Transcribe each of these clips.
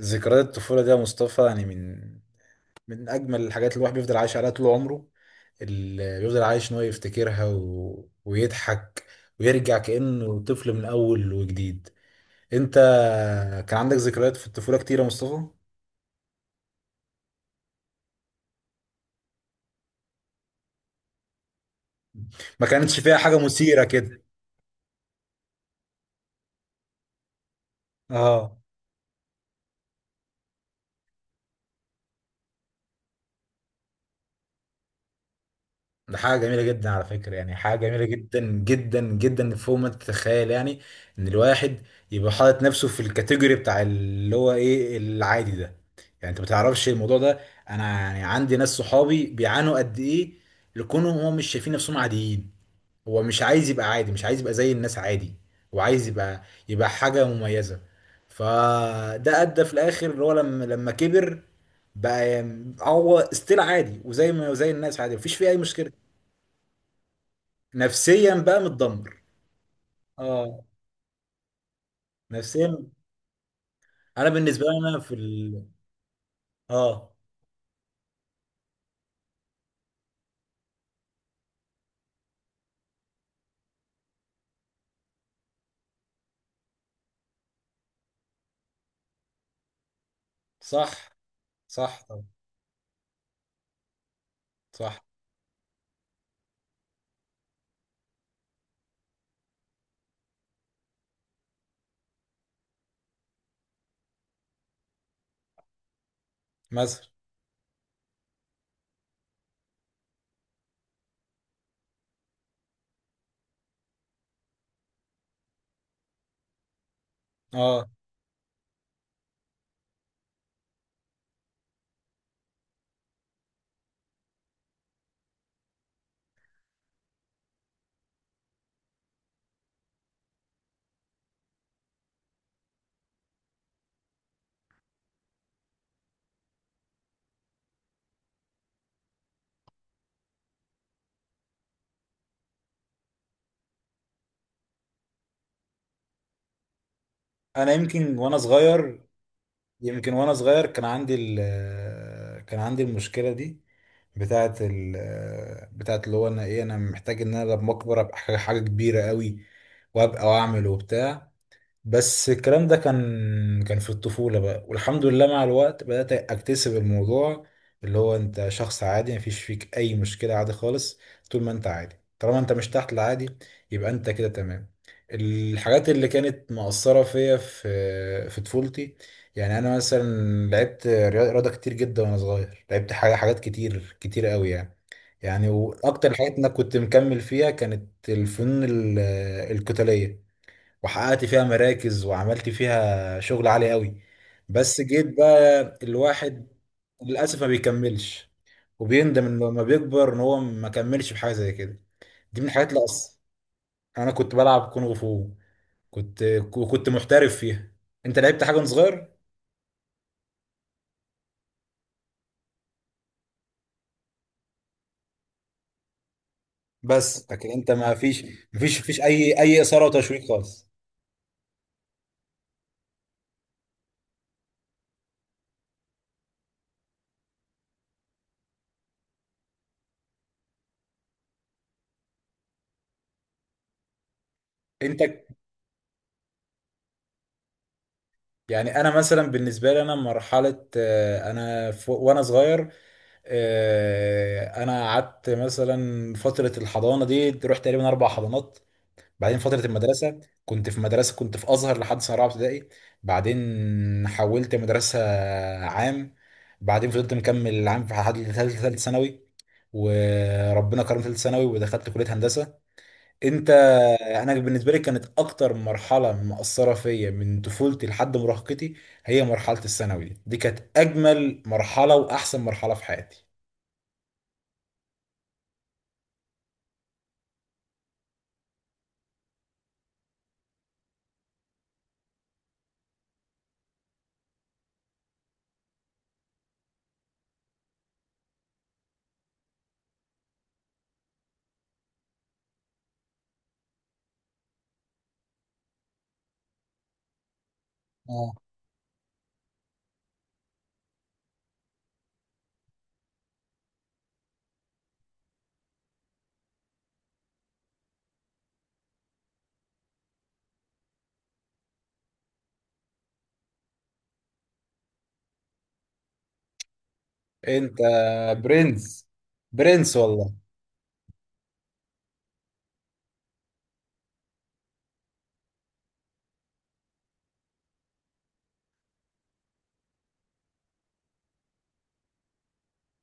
ذكريات الطفولة دي يا مصطفى يعني من أجمل الحاجات اللي الواحد بيفضل عايش عليها طول عمره، اللي بيفضل عايش إن هو يفتكرها ويضحك ويرجع كأنه طفل من أول وجديد. أنت كان عندك ذكريات في الطفولة كتير يا مصطفى؟ ما كانتش فيها حاجة مثيرة كده. اه، ده حاجة جميلة جدا على فكرة، يعني حاجة جميلة جدا جدا جدا فوق ما تتخيل يعني. ان الواحد يبقى حاطط نفسه في الكاتيجوري بتاع اللي هو ايه، العادي ده. يعني انت ما تعرفش الموضوع ده، انا يعني عندي ناس صحابي بيعانوا قد ايه لكونهم هم مش شايفين نفسهم عاديين. هو مش عايز يبقى عادي، مش عايز يبقى زي الناس عادي، هو عايز يبقى حاجة مميزة. فده ادى في الاخر اللي هو لما كبر، بقى يعني هو ستيل عادي وزي ما زي الناس عادي، مفيش فيه اي مشكلة. نفسيا بقى متدمر. اه، نفسيا. انا بالنسبه لي انا في اه، صح، صح طبعا، صح. مثلا، اه. انا يمكن وانا صغير، يمكن وانا صغير كان عندي كان عندي المشكله دي، بتاعه ال... بتاعه اللي هو انا ايه، انا محتاج ان انا لما اكبر ابقى حاجه، حاجة كبيره قوي وابقى واعمل وبتاع. بس الكلام ده كان في الطفولة بقى، والحمد لله مع الوقت بدأت أكتسب الموضوع، اللي هو أنت شخص عادي مفيش فيك أي مشكلة عادي خالص. طول ما أنت عادي، طالما أنت مش تحت العادي، يبقى أنت كده تمام. الحاجات اللي كانت مؤثرة فيا في طفولتي، يعني أنا مثلا لعبت رياضة كتير جدا وأنا صغير، لعبت حاجة، حاجات كتير قوي يعني. يعني وأكتر الحاجات اللي أنا كنت مكمل فيها كانت الفنون القتالية، وحققت فيها مراكز وعملت فيها شغل عالي قوي. بس جيت بقى، الواحد للأسف ما بيكملش، وبيندم انه لما بيكبر ان هو ما كملش في حاجة زي كده. دي من الحاجات اللي أصلا، انا كنت بلعب كونغ فو، كنت كنت محترف فيها. انت لعبت حاجة وأنت صغير؟ بس لكن انت ما فيش، ما فيش اي إثارة وتشويق خالص. انت يعني انا مثلا بالنسبة لي انا مرحلة انا وانا صغير، انا قعدت مثلا فتره الحضانه دي، رحت تقريبا 4 حضانات. بعدين فتره المدرسه، كنت في مدرسه، كنت في ازهر لحد سنه رابعه ابتدائي. بعدين حولت مدرسه عام. بعدين فضلت مكمل العام في لحد ثالث ثانوي، وربنا كرم ثالث ثانوي ودخلت كليه هندسه. انت، انا بالنسبه لي كانت اكتر مرحله مؤثره فيا من طفولتي لحد مراهقتي، هي مرحله الثانوي دي. دي كانت اجمل مرحله واحسن مرحله في حياتي. انت برنس، برنس والله.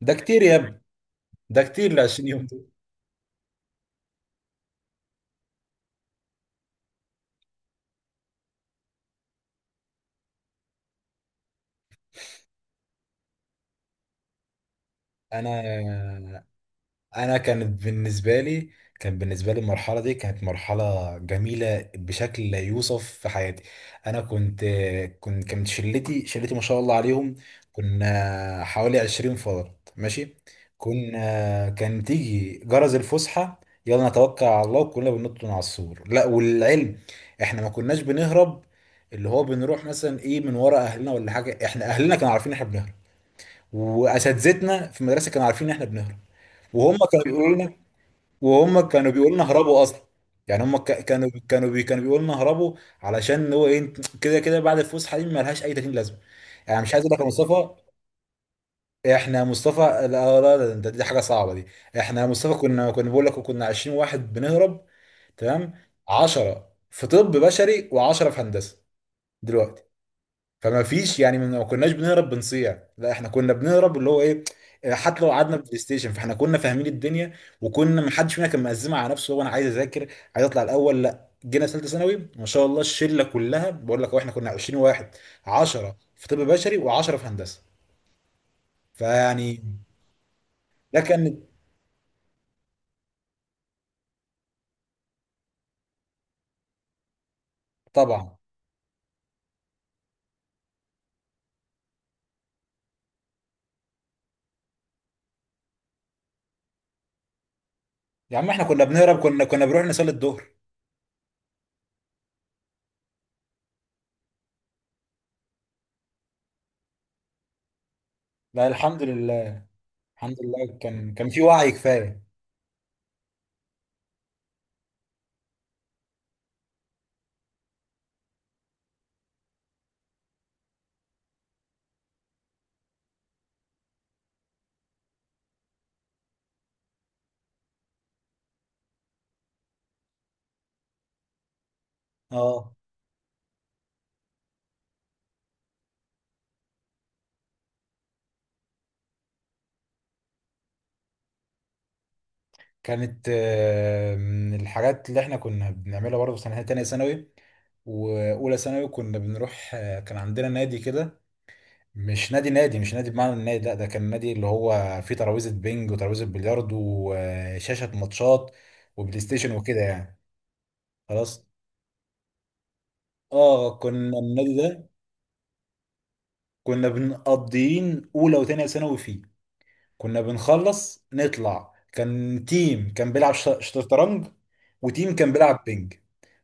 ده كتير يا ابني، ده كتير ل 20 يوم دول. انا، انا كانت بالنسبه لي كان بالنسبه لي المرحله دي كانت مرحله جميله بشكل لا يوصف في حياتي. انا كنت كنت كانت شلتي، شلتي ما شاء الله عليهم، كنا حوالي 20 فرد ماشي. كان تيجي جرس الفسحه، يلا نتوكل على الله وكلنا بننط من على السور. لا والعلم احنا ما كناش بنهرب، اللي هو بنروح مثلا ايه من ورا اهلنا ولا حاجه، احنا اهلنا كانوا عارفين إن احنا بنهرب، واساتذتنا في المدرسه كانوا عارفين ان احنا بنهرب. وهم كانوا بيقولوا لنا، وهم كانوا بيقولوا لنا هربوا اصلا. يعني هم كانوا بيقولوا لنا هربوا، علشان هو ايه، كده كده بعد الفسحه دي مالهاش اي 30 لازمه. يعني مش عايز اقول لك يا مصطفى، احنا يا مصطفى، لا دي حاجه صعبه دي. احنا يا مصطفى كنا بقول لك، كنا 20 واحد بنهرب، تمام؟ 10 في طب بشري و10 في هندسه. دلوقتي، فما فيش يعني ما كناش بنهرب بنصيع، لا احنا كنا بنهرب اللي هو ايه، حتى لو قعدنا بلاي ستيشن فاحنا كنا فاهمين الدنيا. وكنا ما حدش فينا كان مقزمه على نفسه هو انا عايز اذاكر، عايز اطلع الاول. لا جينا ثالثه ثانوي ما شاء الله الشله كلها، بقول لك هو احنا كنا 20 واحد، 10 في طب بشري و10 في هندسه. فيعني ده كان طبعا. يا عم احنا كنا بنهرب، كنا بنروح نصلي الظهر. لا الحمد لله، الحمد لله كان في وعي كفايه. اه، كانت من الحاجات اللي احنا كنا بنعملها برضه في سنة تانية ثانوي وأولى ثانوي، كنا بنروح كان عندنا نادي كده. مش نادي نادي، مش نادي بمعنى النادي، لا ده كان نادي اللي هو فيه ترابيزة بينج وترابيزة بلياردو، وشاشة ماتشات وبلاي ستيشن وكده يعني. خلاص، اه كنا النادي ده كنا بنقضيين أولى وتانية ثانوي فيه. كنا بنخلص نطلع، كان تيم كان بيلعب شطرنج، وتيم كان بيلعب بينج.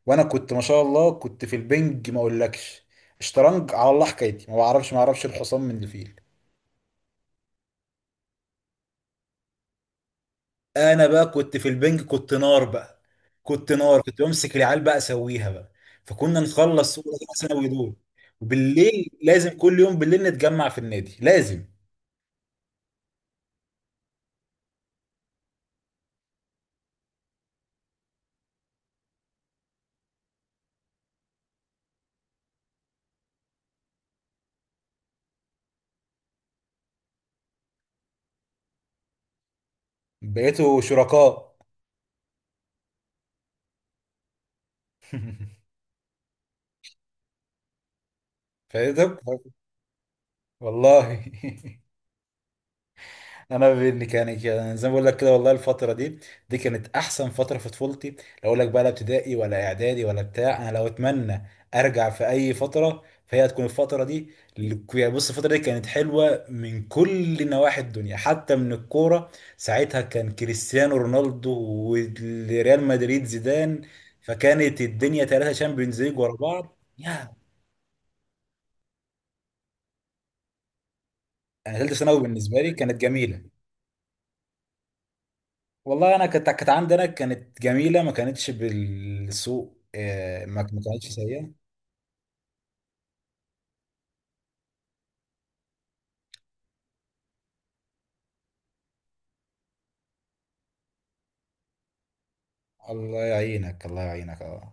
وانا كنت ما شاء الله كنت في البينج، ما اقولكش. شطرنج على الله حكايتي، ما بعرفش الحصان من الفيل. انا بقى كنت في البنج، كنت نار بقى، كنت بمسك العيال بقى اسويها بقى. فكنا نخلص اولى ثانوي دول، وبالليل لازم كل يوم بالليل نتجمع في النادي لازم. بقيتوا شركاء. فايتك والله. انا بإني كان زي ما بقول لك كده، والله الفتره دي دي كانت احسن فتره في طفولتي. لا اقول لك بقى، لا ابتدائي ولا اعدادي ولا بتاع، انا لو اتمنى ارجع في اي فتره فهي هتكون الفتره دي. يعني بص الفتره دي كانت حلوه من كل نواحي الدنيا، حتى من الكوره. ساعتها كان كريستيانو رونالدو وريال مدريد زيدان، فكانت الدنيا ثلاثه شامبيونز ليج ورا بعض يا. انا ثالثه ثانوي بالنسبه لي كانت جميله، والله انا كانت عندي، انا كانت جميله، ما كانتش بالسوء، ما كانتش سيئه. الله يعينك، الله يعينك، اه.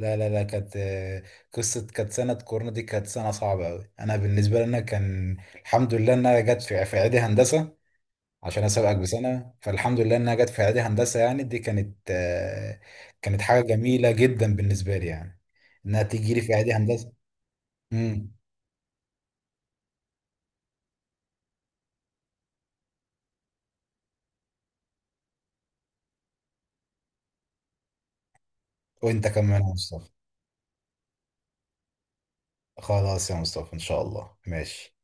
لا كانت قصه، كانت سنه كورونا دي، كانت سنه صعبه قوي. انا بالنسبه لي انا كان الحمد لله انها جت في اعدادي هندسه، عشان اسابقك بسنه. فالحمد لله انها جت في اعدادي هندسه يعني، دي كانت كانت حاجه جميله جدا بالنسبه لي يعني، انها تيجي لي في اعدادي هندسه. امم، وانت كمان يا مصطفى. خلاص يا مصطفى ان شاء الله، ماشي.